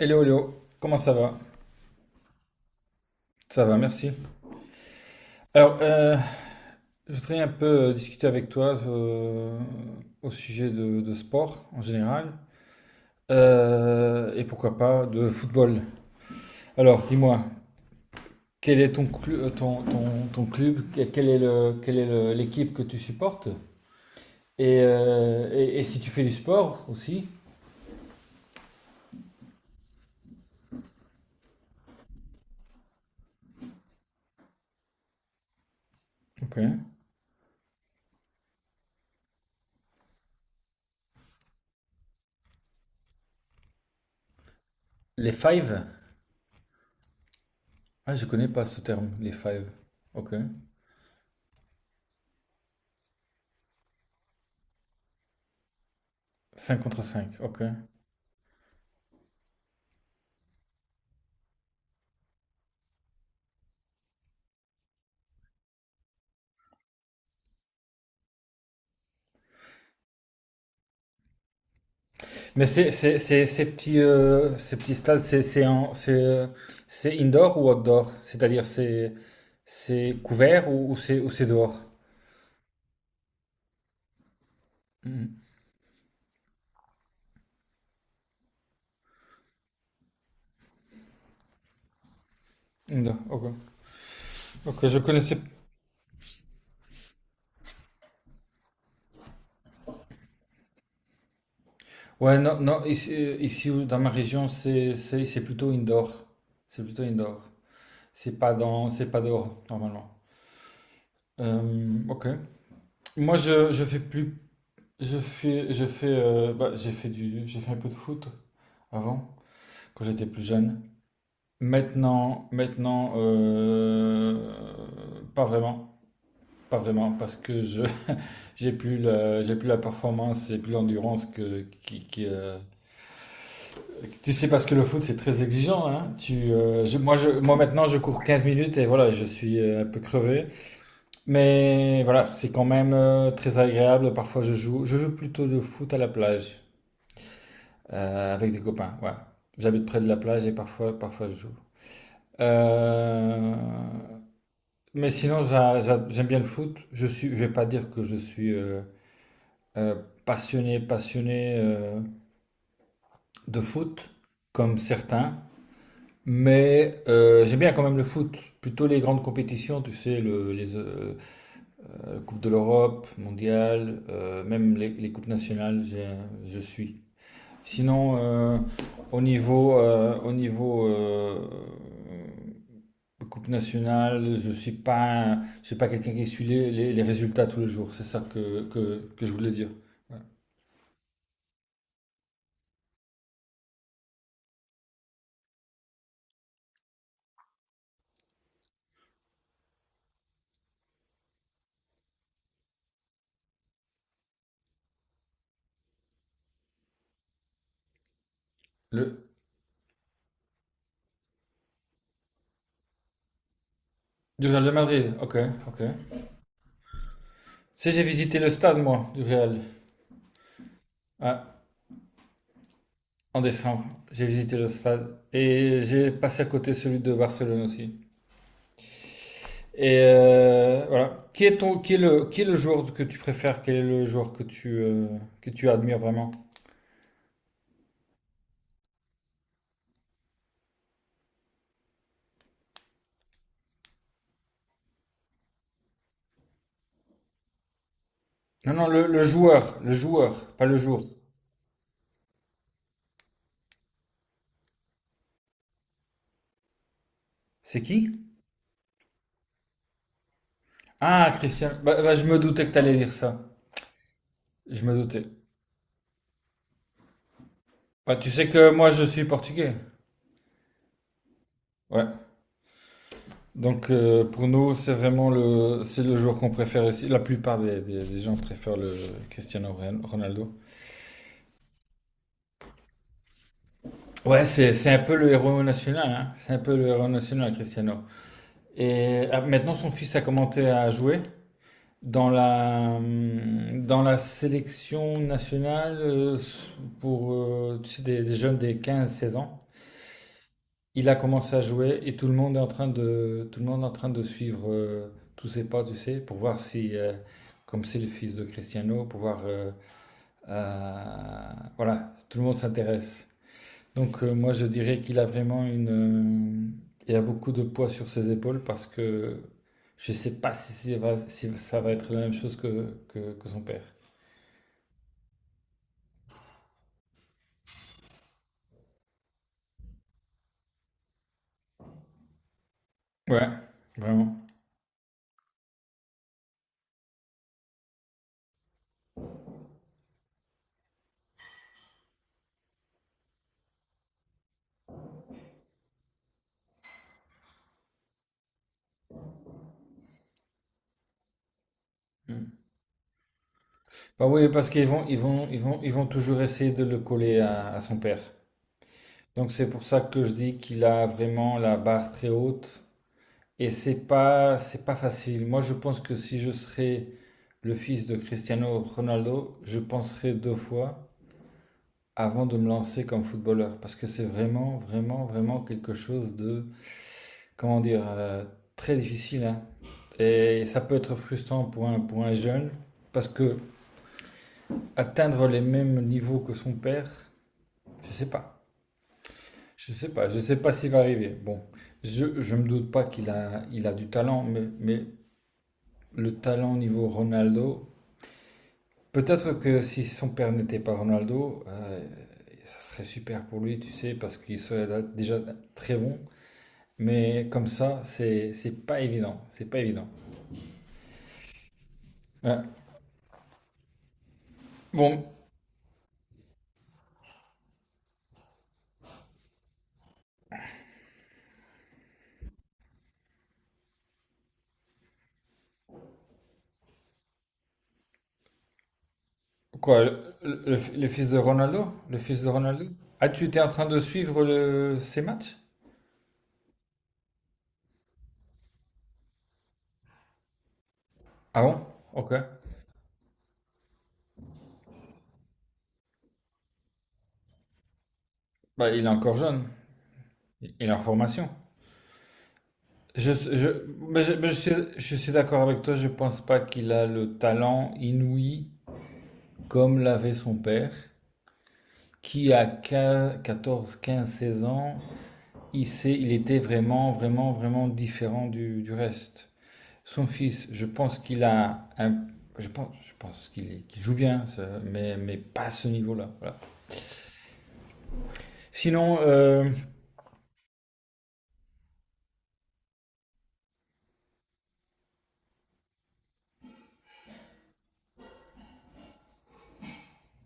Hello, comment ça va? Ça va, merci. Alors, je voudrais un peu discuter avec toi, au sujet de sport en général, et pourquoi pas de football. Alors, dis-moi, quel est ton club? Quelle est l'équipe que tu supportes? Et si tu fais du sport aussi? Ok. Les five? Ah, je connais pas ce terme, les five. Ok. 5 contre 5. Ok. Mais ces petits stades, c'est indoor ou outdoor? C'est-à-dire, c'est couvert ou, c'est dehors? Mhm. Indoor, ok. Ok, je connaissais. Ouais, non, non, ici, dans ma région, c'est plutôt indoor. C'est plutôt indoor. C'est pas dehors, normalement. Ok. Moi, je fais plus, bah, j'ai fait un peu de foot avant, quand j'étais plus jeune. Maintenant, pas vraiment, pas vraiment, parce que je j'ai plus la performance, j'ai plus l'endurance. Tu sais parce que le foot c'est très exigeant, hein. Tu, je, moi maintenant je cours 15 minutes et voilà, je suis, un peu crevé, mais voilà, c'est quand même, très agréable. Parfois je joue plutôt de foot à la plage, avec des copains. Ouais, j'habite près de la plage et parfois je joue. Euh, Mais sinon, j'aime bien le foot. Je suis, je vais pas dire que je suis, euh, passionné de foot, comme certains. Mais j'aime bien quand même le foot. Plutôt les grandes compétitions, tu sais, les Coupe de l'Europe, Mondiale, même les Coupes nationales, je suis. Sinon, au niveau, Coupe nationale, je suis pas quelqu'un qui suit les résultats tous les jours. C'est ça que je voulais dire. Ouais. Le, du Real de Madrid, ok, ok. Si j'ai visité le stade, moi, du Real. Ah, en décembre, j'ai visité le stade et j'ai passé à côté celui de Barcelone aussi. Et voilà. Qui est le joueur que tu préfères? Quel est le joueur que tu admires vraiment? Non, non, le joueur, pas le jour. C'est qui? Ah, Christian, bah, bah, je me doutais que t'allais dire ça. Je me doutais. Bah, tu sais que moi, je suis portugais. Ouais. Donc, pour nous, c'est le joueur qu'on préfère ici. La plupart des gens préfèrent le Ronaldo. Ouais, c'est un peu le héros national, hein. C'est un peu le héros national, Cristiano. Et ah, maintenant, son fils a commencé à jouer dans dans la sélection nationale, pour tu sais, des jeunes des 15, 16 ans. Il a commencé à jouer et tout le monde est en train de suivre, tous ses pas, tu sais, pour voir si, comme c'est le fils de Cristiano, pour voir, voilà, tout le monde s'intéresse. Donc, moi je dirais qu'il a vraiment une, il a beaucoup de poids sur ses épaules parce que je sais pas si, si ça va être la même chose que, que son père. Ouais, vraiment. Mm. Bah oui, parce qu'ils vont, ils vont toujours essayer de le coller à son père. Donc c'est pour ça que je dis qu'il a vraiment la barre très haute et c'est pas facile. Moi je pense que si je serais le fils de Cristiano Ronaldo, je penserais deux fois avant de me lancer comme footballeur parce que c'est vraiment, vraiment, vraiment quelque chose de, comment dire, très difficile, hein. Et ça peut être frustrant pour un jeune, parce que atteindre les mêmes niveaux que son père, je sais pas. Je sais pas, je sais pas s'il va arriver. Bon, je me doute pas qu'il a, il a du talent, mais le talent au niveau Ronaldo, peut-être que si son père n'était pas Ronaldo, ça serait super pour lui, tu sais, parce qu'il serait déjà très bon. Mais comme ça, c'est pas évident, c'est pas évident. Ouais. Bon, quoi, le fils de Ronaldo? Le fils de Ronaldo? Ah, tu étais en train de suivre le, ses matchs? Ah bon? Ok. Bah, il est encore jeune, il est en formation. Je, je, mais je, mais je suis d'accord avec toi, je pense pas qu'il a le talent inouï comme l'avait son père, qui à 15, 14, 15, 16 ans, il sait, il était vraiment, vraiment, vraiment différent du reste. Son fils, je pense qu'il a un, je pense qu'il joue bien, ça, mais pas à ce niveau-là. Voilà. Sinon, euh,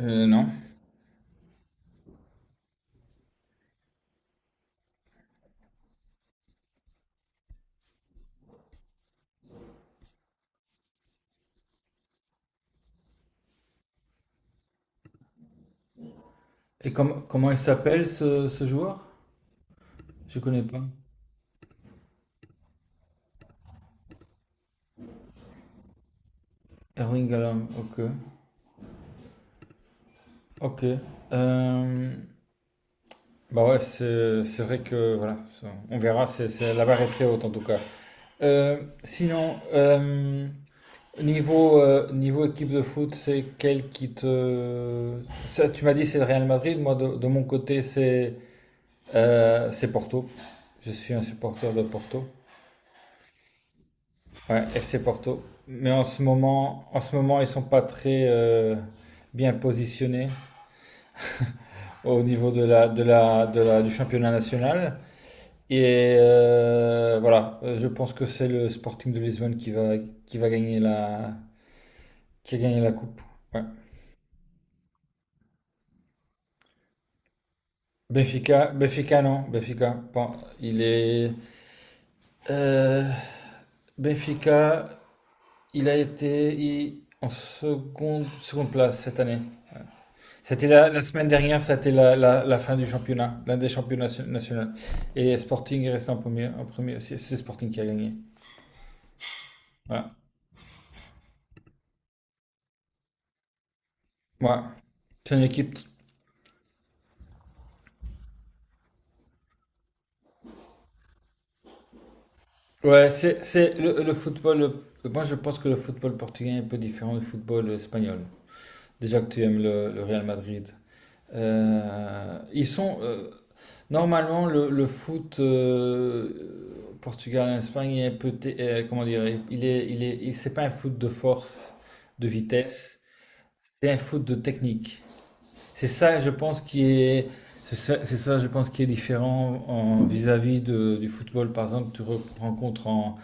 euh, non. Et comment il s'appelle ce joueur? Je connais pas. Erling Haaland, ok. Ok. Euh, bah ouais, c'est vrai que voilà, on verra. La barre est très haute en tout cas. Sinon, niveau niveau équipe de foot, c'est quelle qui te ça, tu m'as dit c'est le Real Madrid. Moi de mon côté c'est, c'est Porto. Je suis un supporter de Porto. Ouais, FC Porto. Mais en ce moment, ils sont pas très, bien positionnés au niveau du championnat national. Et voilà. Je pense que c'est le Sporting de Lisbonne qui va gagner la, qui a gagné la coupe. Ouais. Benfica, Benfica non, Benfica. Bon, il est, euh, Benfica, il a été en seconde place cette année. C'était la semaine dernière, c'était la fin du championnat, l'un des championnats nationaux. Et Sporting est resté en premier aussi. C'est Sporting qui a gagné. Voilà. Ouais. C'est une équipe. Ouais, le football. Moi, je pense que le football portugais est un peu différent du football espagnol. Déjà que tu aimes le Real Madrid. Ils sont, le foot, Portugal-Espagne est un peu. Comment dire? C'est pas un foot de force, de vitesse. C'est un foot de technique. C'est ça, je pense, qui est. C'est ça, je pense, qui est différent en, vis-à-vis du football, par exemple, que tu rencontres en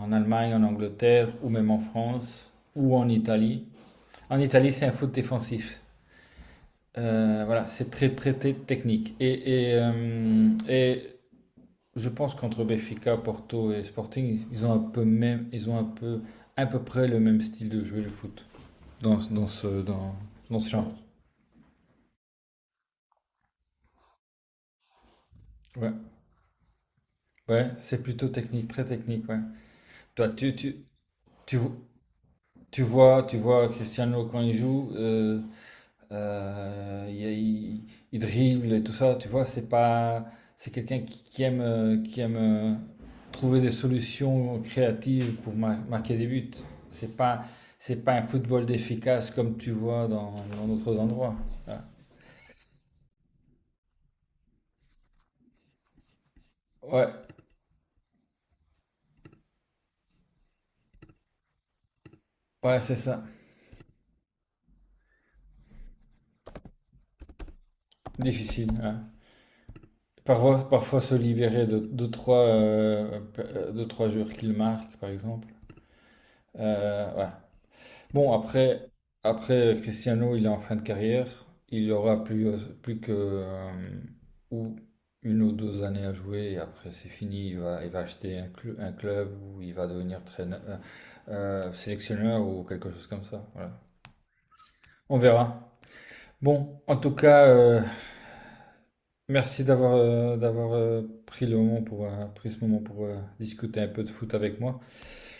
en Allemagne, en Angleterre, ou même en France, ou en Italie. En Italie, c'est un foot défensif. Voilà, c'est très, très, très technique. Et je pense qu'entre Benfica, Porto et Sporting, ils ont un peu, à peu près le même style de jouer le foot dans, dans ce, dans, dans ce genre. Ouais, ouais, c'est plutôt technique, très technique. Ouais. Toi, tu, tu vois Cristiano quand il joue. Il dribble et tout ça, tu vois, c'est pas, c'est quelqu'un qui aime, qui aime, trouver des solutions créatives pour marquer des buts. C'est pas, c'est pas un football d'efficace comme tu vois dans d'autres endroits. Ah. Ouais, ouais, c'est ça. Difficile, ouais. Parfois, parfois se libérer de deux trois, deux, trois joueurs qu'il marque, par exemple. Ouais. Bon, après, après Cristiano, il est en fin de carrière. Il aura plus, plus que ou une ou deux années à jouer. Et après, c'est fini. Il va acheter un, un club ou il va devenir traîneur, sélectionneur ou quelque chose comme ça. Voilà. On verra. Bon, en tout cas, merci d'avoir, pris ce moment pour, discuter un peu de foot avec moi.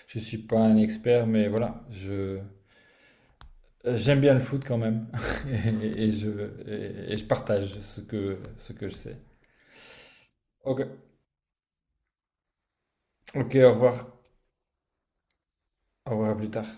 Je suis pas un expert, mais voilà, je. J'aime bien le foot quand même. et, et je, et je partage ce ce que je sais. Ok, ok, au revoir. Au revoir, à plus tard.